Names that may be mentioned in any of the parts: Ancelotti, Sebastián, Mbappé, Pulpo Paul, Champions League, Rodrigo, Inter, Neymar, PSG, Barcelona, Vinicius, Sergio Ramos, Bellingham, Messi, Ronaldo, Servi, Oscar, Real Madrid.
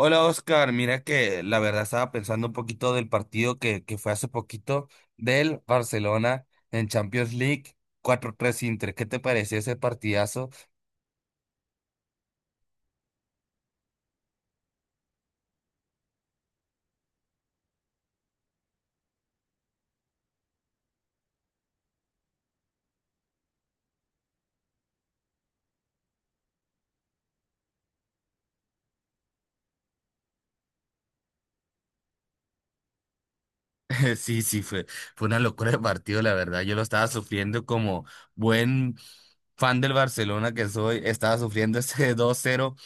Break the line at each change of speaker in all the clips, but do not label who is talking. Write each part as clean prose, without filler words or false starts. Hola Oscar, mira que la verdad estaba pensando un poquito del partido que fue hace poquito del Barcelona en Champions League 4-3 Inter. ¿Qué te pareció ese partidazo? Sí, sí, fue una locura de partido, la verdad. Yo lo estaba sufriendo como buen fan del Barcelona que soy. Estaba sufriendo ese 2-0.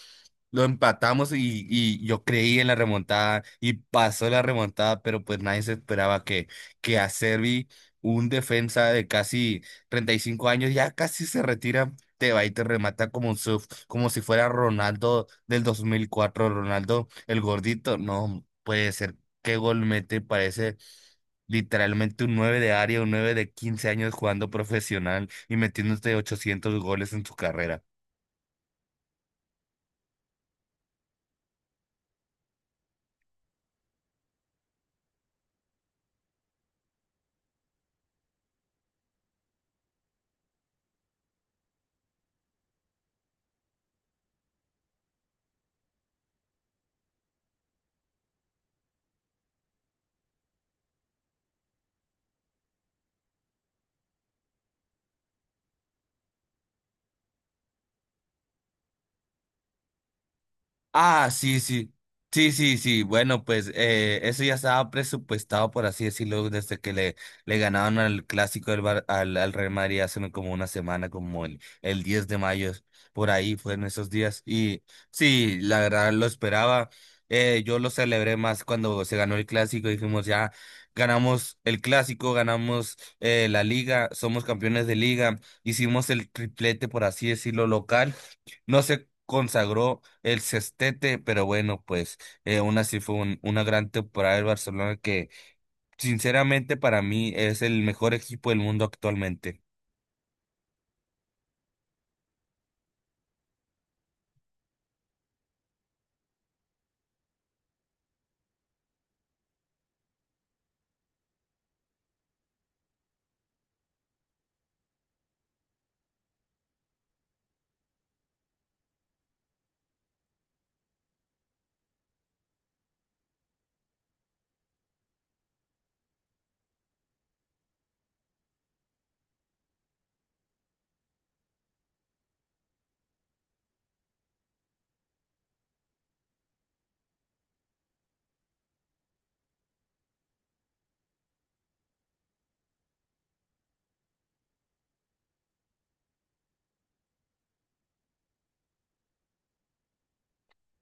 Lo empatamos y yo creí en la remontada y pasó la remontada, pero pues nadie se esperaba que a Servi, un defensa de casi 35 años, ya casi se retira, te va y te remata como un surf, como si fuera Ronaldo del 2004 Ronaldo el gordito. No puede ser, qué gol mete, parece literalmente un 9 de área, un 9 de 15 años jugando profesional y metiéndose 800 goles en su carrera. Ah, sí, sí. Sí, sí, sí. Bueno, pues eso ya estaba presupuestado, por así decirlo, desde que le ganaron al clásico del al Real Madrid hace como una semana, como el 10 de mayo, por ahí fueron esos días. Y sí, la verdad lo esperaba. Yo lo celebré más cuando se ganó el clásico. Dijimos, ya ganamos el clásico, ganamos la liga, somos campeones de liga, hicimos el triplete, por así decirlo, local. No se consagró el sextete, pero bueno, pues aún así fue una gran temporada del Barcelona que sinceramente para mí es el mejor equipo del mundo actualmente.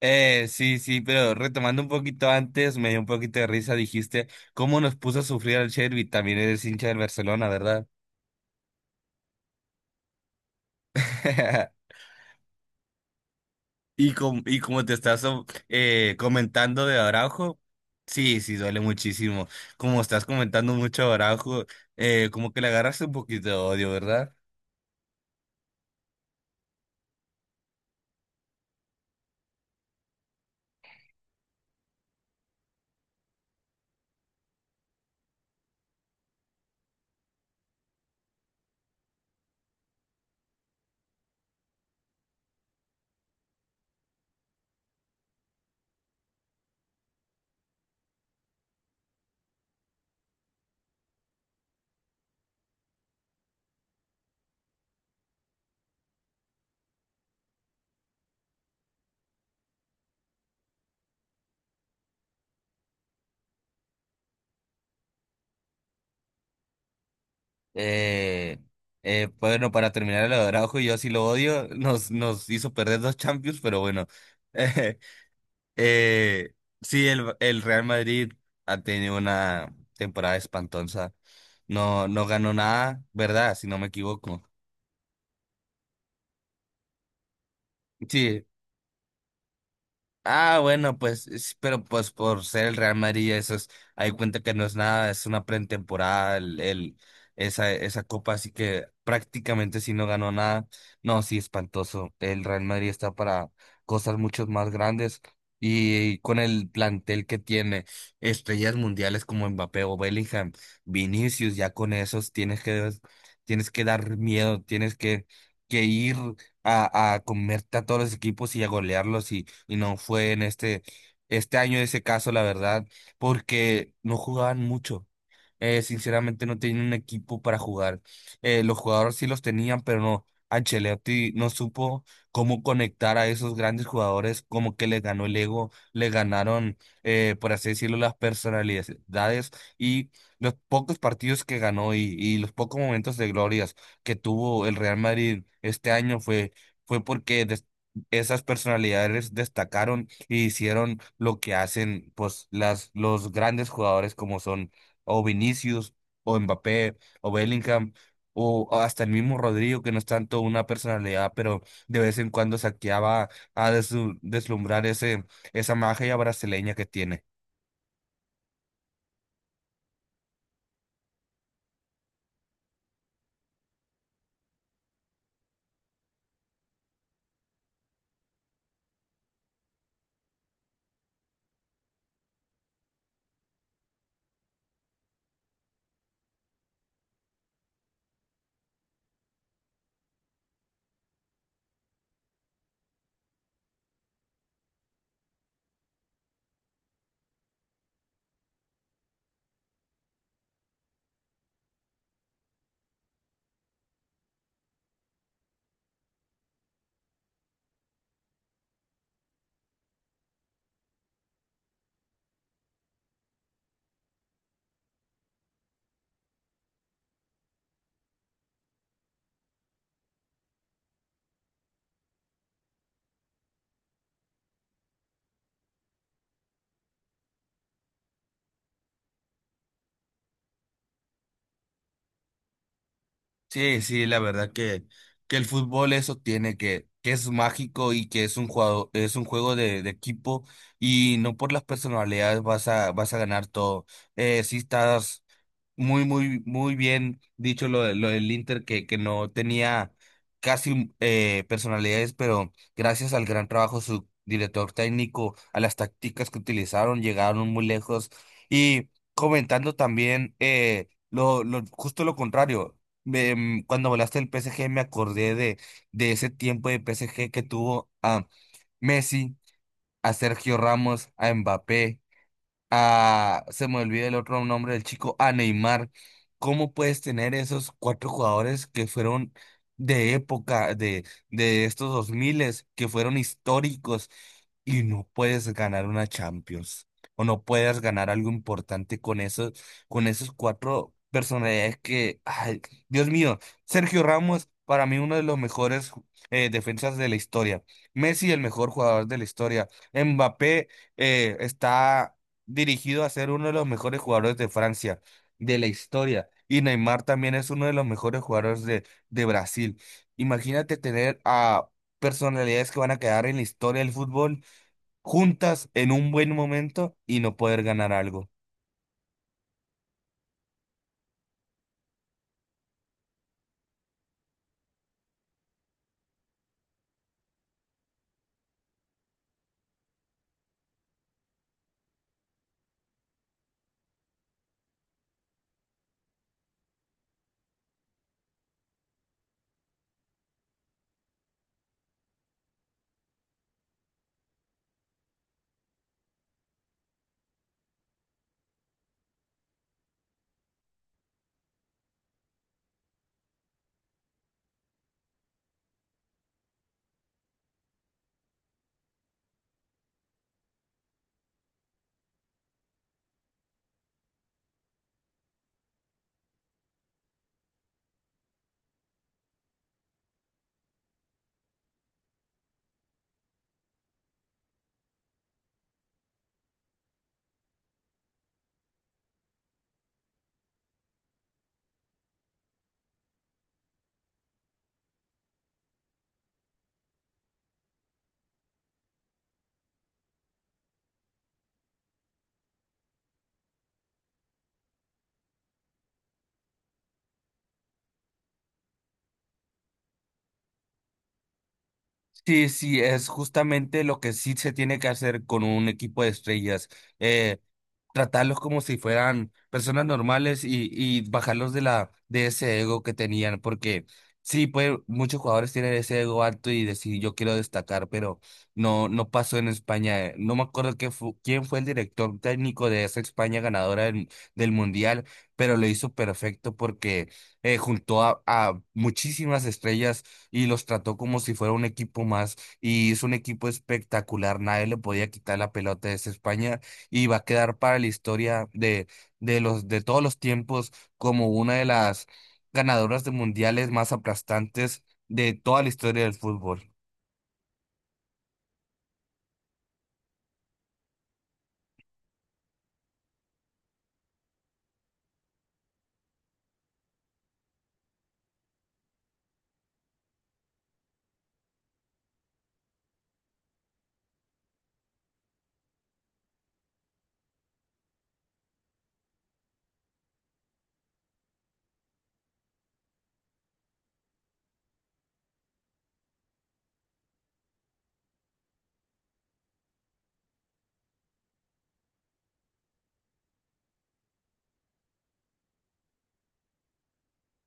Sí, sí, pero retomando un poquito antes, me dio un poquito de risa, dijiste cómo nos puso a sufrir al Chervi, también eres hincha del Barcelona, ¿verdad? Y, como te estás comentando de Araujo, sí, sí, duele muchísimo. Como estás comentando mucho de Araujo, como que le agarraste un poquito de odio, ¿verdad? Eh, bueno, para terminar el de Araujo, yo sí lo odio, nos hizo perder dos Champions, pero bueno. Eh, eh, sí, el Real Madrid ha tenido una temporada espantosa. No, no ganó nada, ¿verdad? Si no me equivoco. Sí, ah, bueno, pues, pero pues por ser el Real Madrid, eso es, hay cuenta que no es nada, es una pretemporada, esa copa, así que prácticamente si no ganó nada, no, sí, espantoso. El Real Madrid está para cosas mucho más grandes y, con el plantel que tiene, estrellas mundiales como Mbappé o Bellingham, Vinicius, ya con esos tienes que dar miedo, tienes que ir a comerte a todos los equipos y a golearlos y no fue en este año ese caso, la verdad, porque no jugaban mucho. Sinceramente no tenían un equipo para jugar. Los jugadores sí los tenían, pero no. Ancelotti no supo cómo conectar a esos grandes jugadores, como que les ganó el ego, le ganaron, por así decirlo, las personalidades y los pocos partidos que ganó y los pocos momentos de glorias que tuvo el Real Madrid este año fue porque esas personalidades destacaron y hicieron lo que hacen pues las los grandes jugadores como son o Vinicius o Mbappé o Bellingham o hasta el mismo Rodrigo que no es tanto una personalidad, pero de vez en cuando saqueaba a deslumbrar ese esa magia brasileña que tiene. Sí, sí, la verdad que el fútbol eso tiene que es mágico y que es un juego de equipo y no por las personalidades vas a ganar todo. Sí estás muy, muy, muy bien dicho lo del Inter que no tenía casi personalidades, pero gracias al gran trabajo de su director técnico, a las tácticas que utilizaron, llegaron muy lejos. Y comentando también justo lo contrario cuando volaste el PSG me acordé de ese tiempo de PSG que tuvo a Messi, a Sergio Ramos, a Mbappé a, se me olvida el otro nombre del chico, a Neymar. ¿Cómo puedes tener esos cuatro jugadores que fueron de época, de estos dos miles, que fueron históricos y no puedes ganar una Champions? O no puedes ganar algo importante con esos cuatro personalidades que, ay, Dios mío, Sergio Ramos, para mí uno de los mejores defensas de la historia. Messi, el mejor jugador de la historia. Mbappé está dirigido a ser uno de los mejores jugadores de Francia, de la historia. Y Neymar también es uno de los mejores jugadores de Brasil. Imagínate tener a personalidades que van a quedar en la historia del fútbol juntas en un buen momento y no poder ganar algo. Sí, sí, es justamente lo que sí se tiene que hacer con un equipo de estrellas. Eh, Tratarlos como si fueran personas normales y bajarlos de de ese ego que tenían, porque sí, pues muchos jugadores tienen ese ego alto y decir yo quiero destacar, pero no, no pasó en España. No me acuerdo quién fue el director técnico de esa España ganadora del Mundial, pero lo hizo perfecto porque juntó a muchísimas estrellas y los trató como si fuera un equipo más y hizo un equipo espectacular. Nadie le podía quitar la pelota de esa España y va a quedar para la historia de todos los tiempos como una de las ganadoras de mundiales más aplastantes de toda la historia del fútbol.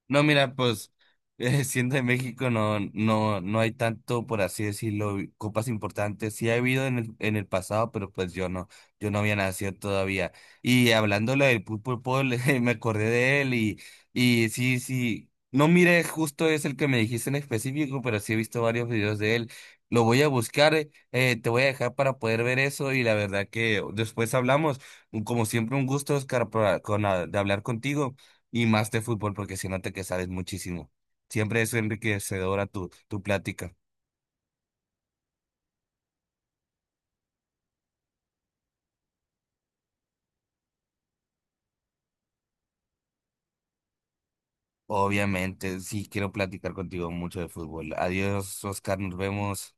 No, mira, pues siendo de México no, no, no hay tanto, por así decirlo, copas importantes. Sí ha habido en el pasado, pero pues yo no había nacido todavía. Y hablándole del Pulpo Paul, me acordé de él y sí, sí, no miré justo es el que me dijiste en específico, pero sí he visto varios videos de él. Lo voy a buscar, te voy a dejar para poder ver eso y la verdad que después hablamos. Como siempre, un gusto, Oscar, de hablar contigo y más de fútbol porque siento que sabes muchísimo. Siempre es enriquecedora tu plática. Obviamente, sí quiero platicar contigo mucho de fútbol. Adiós, Oscar, nos vemos.